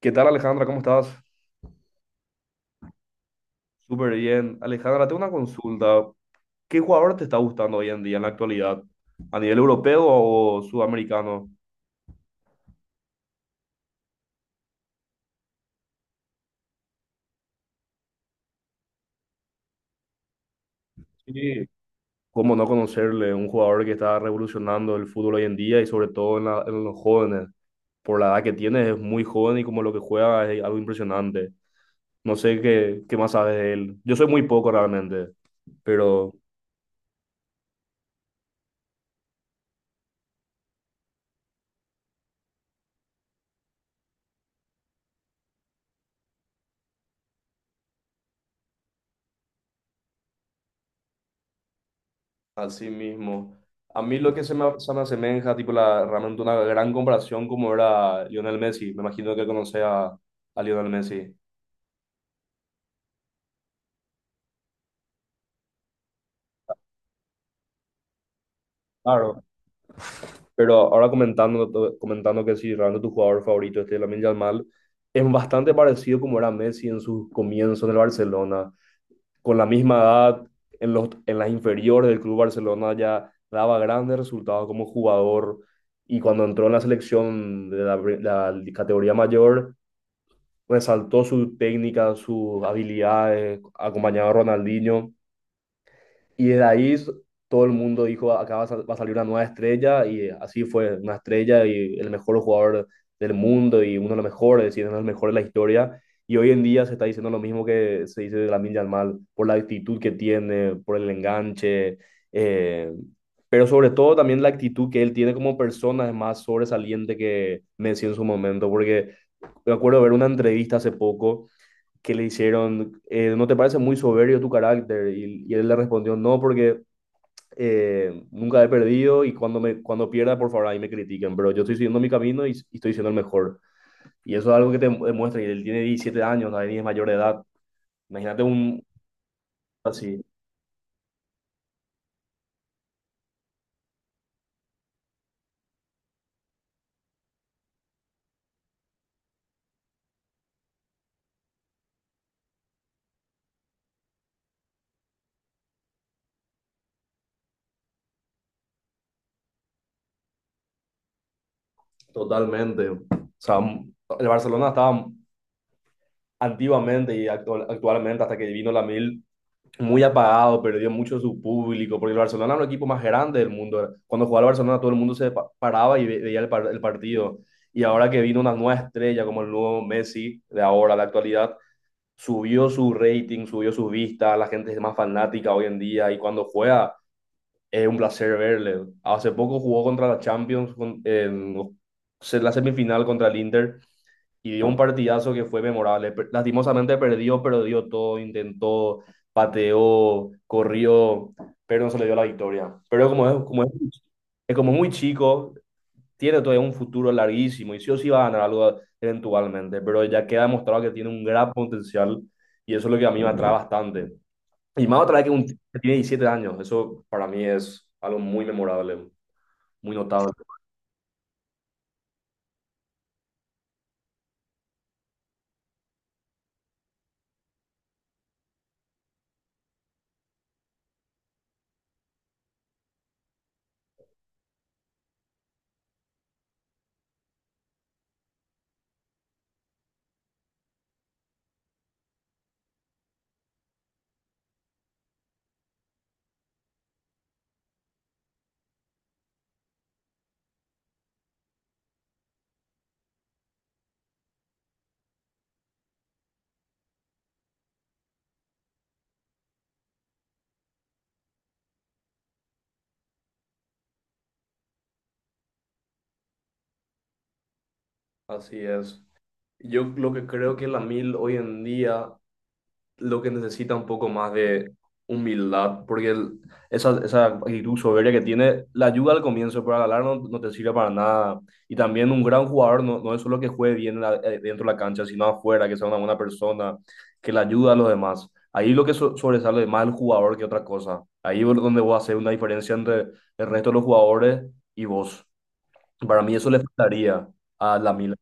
¿Qué tal, Alejandra? ¿Cómo estás? Súper bien. Alejandra, tengo una consulta. ¿Qué jugador te está gustando hoy en día, en la actualidad? ¿A nivel europeo o sudamericano? Sí. ¿Cómo no conocerle? Un jugador que está revolucionando el fútbol hoy en día y sobre todo en los jóvenes. Por la edad que tiene, es muy joven y como lo que juega es algo impresionante. No sé qué más sabes de él. Yo soy muy poco realmente, pero... Así mismo. A mí lo que se me asemeja, tipo, realmente una gran comparación como era Lionel Messi. Me imagino que conoce a Lionel Messi. Claro. Pero ahora comentando que sí, realmente tu jugador favorito, este Lamine Yamal, es bastante parecido como era Messi en sus comienzos en el Barcelona. Con la misma edad, en las inferiores del Club Barcelona ya daba grandes resultados como jugador. Y cuando entró en la selección de la categoría mayor resaltó su técnica, sus habilidades, acompañado a Ronaldinho. Y desde ahí todo el mundo dijo, acá va a salir una nueva estrella, y así fue, una estrella y el mejor jugador del mundo y uno de los mejores, y uno de los mejores de la historia. Y hoy en día se está diciendo lo mismo que se dice de Lamine Yamal, por la actitud que tiene, por el enganche, eh, pero sobre todo también la actitud que él tiene como persona es más sobresaliente que Messi en su momento, porque me acuerdo de ver una entrevista hace poco que le hicieron, ¿no te parece muy soberbio tu carácter? Y él le respondió, no, porque nunca he perdido y cuando pierda, por favor, ahí me critiquen, pero yo estoy siguiendo mi camino y estoy siendo el mejor. Y eso es algo que te demuestra, y él tiene 17 años, nadie es mayor de edad. Imagínate un... Así, totalmente. O sea, el Barcelona estaba antiguamente y actualmente, hasta que vino la mil, muy apagado, perdió mucho su público, porque el Barcelona era un equipo más grande del mundo. Cuando jugaba el Barcelona todo el mundo se paraba y veía el partido. Y ahora que vino una nueva estrella como el nuevo Messi de ahora, de la actualidad, subió su rating, subió sus vistas, la gente es más fanática hoy en día y cuando juega es un placer verle. Hace poco jugó contra la Champions en la semifinal contra el Inter y dio un partidazo que fue memorable. Lastimosamente perdió, pero dio todo, intentó, pateó, corrió, pero no se le dio la victoria. Pero es como muy chico, tiene todavía un futuro larguísimo y sí o sí va a ganar algo eventualmente, pero ya queda demostrado que tiene un gran potencial y eso es lo que a mí me atrae bastante. Y más otra vez que tiene 17 años, eso para mí es algo muy memorable, muy notable. Así es. Yo lo que creo que la mil hoy en día lo que necesita un poco más de humildad, porque esa actitud soberbia que tiene, la ayuda al comienzo, pero al ganar no te sirve para nada. Y también un gran jugador no es solo que juegue bien en dentro de la cancha, sino afuera, que sea una buena persona, que le ayuda a los demás. Ahí lo que sobresale más el jugador que otra cosa. Ahí es donde voy a hacer una diferencia entre el resto de los jugadores y vos. Para mí eso le faltaría a la Mila.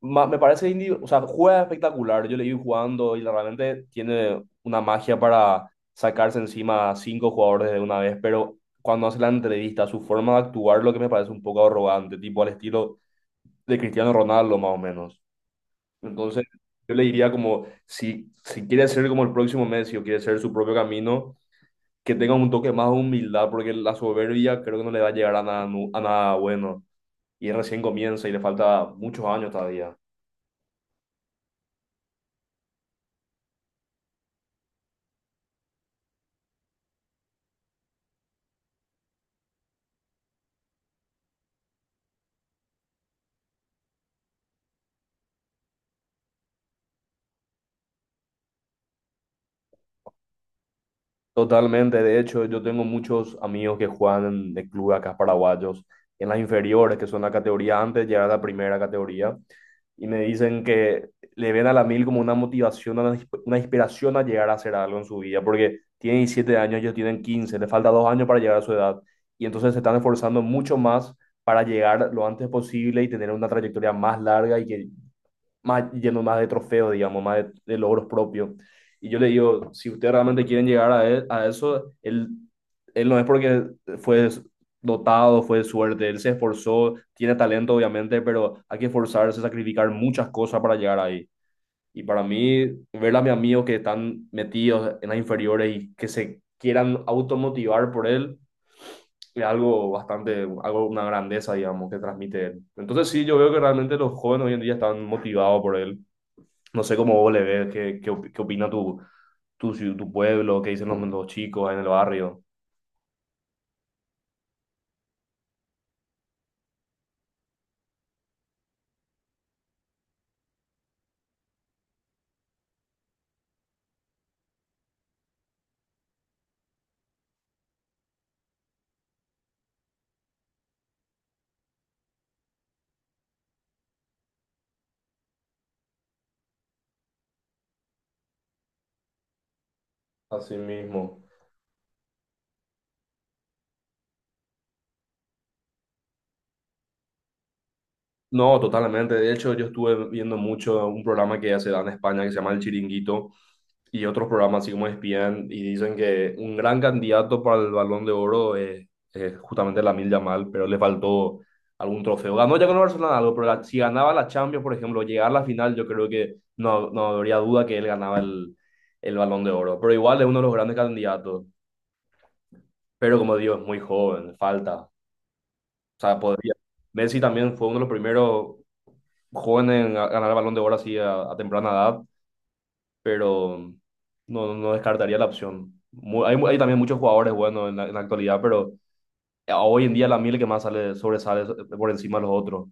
Me parece, o sea, juega espectacular. Yo le vi jugando y realmente tiene una magia para sacarse encima a cinco jugadores de una vez, pero cuando hace la entrevista, su forma de actuar, lo que me parece un poco arrogante, tipo al estilo de Cristiano Ronaldo, más o menos. Entonces, yo le diría como, si quiere ser como el próximo Messi o quiere ser su propio camino, que tenga un toque más de humildad, porque la soberbia creo que no le va a llegar a nada, a nada bueno. Y recién comienza y le falta muchos años todavía. Totalmente, de hecho, yo tengo muchos amigos que juegan de club acá, paraguayos, en las inferiores, que son la categoría antes de llegar a la primera categoría, y me dicen que le ven a la mil como una motivación, una inspiración a llegar a hacer algo en su vida, porque tienen 17 años, ellos tienen 15, les falta 2 años para llegar a su edad, y entonces se están esforzando mucho más para llegar lo antes posible y tener una trayectoria más larga y que más, yendo más de trofeos, digamos, más de logros propios. Y yo le digo, si ustedes realmente quieren llegar a eso, él no es porque fue dotado, fue de suerte, él se esforzó, tiene talento obviamente, pero hay que esforzarse, sacrificar muchas cosas para llegar ahí. Y para mí, ver a mis amigos que están metidos en las inferiores y que se quieran automotivar por él, es algo bastante, algo, una grandeza, digamos, que transmite él. Entonces sí, yo veo que realmente los jóvenes hoy en día están motivados por él. No sé cómo vos le ves, qué opina tu pueblo, qué dicen los chicos ahí en el barrio. Así mismo. No, totalmente. De hecho, yo estuve viendo mucho un programa que se da en España que se llama El Chiringuito y otros programas así como ESPN, y dicen que un gran candidato para el Balón de Oro es justamente Lamine Yamal, pero le faltó algún trofeo. Ganó ya con el Barcelona algo, pero si ganaba la Champions, por ejemplo, llegar a la final, yo creo que no habría duda que él ganaba el Balón de Oro. Pero igual es uno de los grandes candidatos. Pero como digo, es muy joven, falta. O sea, podría. Messi también fue uno de los primeros joven ganar el Balón de Oro así a temprana edad, pero no descartaría la opción. Hay también muchos jugadores buenos en la actualidad, pero hoy en día la Mil que más sobresale por encima de los otros.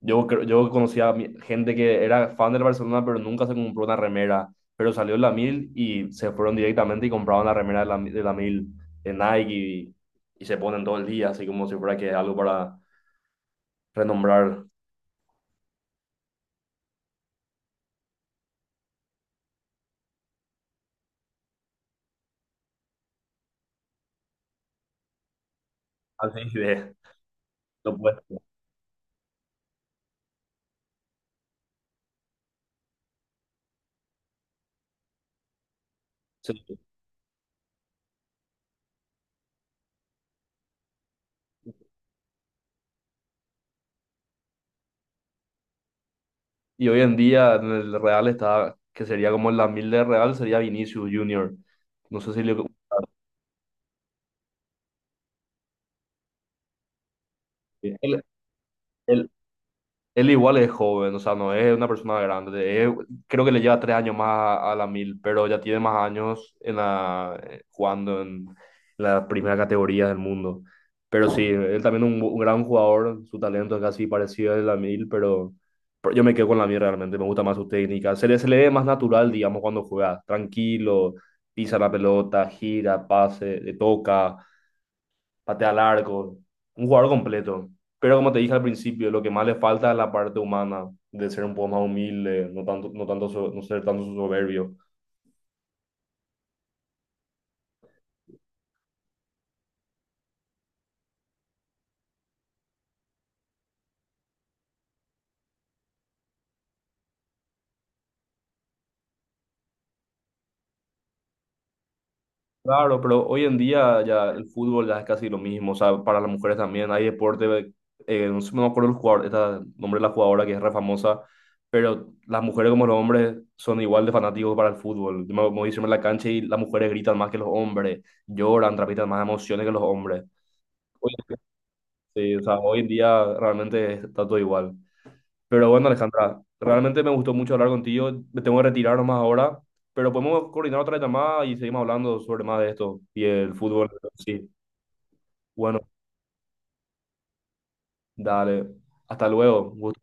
Yo conocía a gente que era fan del Barcelona, pero nunca se compró una remera, pero salió la Mil y se fueron directamente y compraban la remera de la Mil de Nike, y se ponen todo el día, así como si fuera que es algo para renombrar. Así de lo puesto. Sí. Y hoy en día en el Real está, que sería como la mil de Real, sería Vinicius Junior. No sé si le... Él, él, Él igual es joven, o sea, no es una persona grande. Creo que le lleva 3 años más a la mil, pero ya tiene más años en jugando en la primera categoría del mundo. Pero sí, él también un, gran jugador, su talento es casi parecido al de la mil, pero yo me quedo con la mil realmente, me gusta más su técnica. Se le ve más natural, digamos, cuando juega, tranquilo, pisa la pelota, gira, pase, le toca, patea al arco, un jugador completo. Pero como te dije al principio, lo que más le falta es la parte humana, de ser un poco más humilde, no tanto, no tanto, no ser tanto soberbio. Claro, pero hoy en día ya el fútbol ya es casi lo mismo, o sea, para las mujeres también hay deporte, no sé, no me acuerdo el jugador, esta nombre de la jugadora que es re famosa, pero las mujeres como los hombres son igual de fanáticos para el fútbol. Yo me voy a la cancha y las mujeres gritan más que los hombres, lloran, transmiten más emociones que los hombres. Sí, o sea, hoy en día realmente está todo igual. Pero bueno, Alejandra, realmente me gustó mucho hablar contigo. Me tengo que retirar nomás ahora, pero podemos coordinar otra llamada y seguimos hablando sobre más de esto y el fútbol. Sí, bueno, dale. Hasta luego.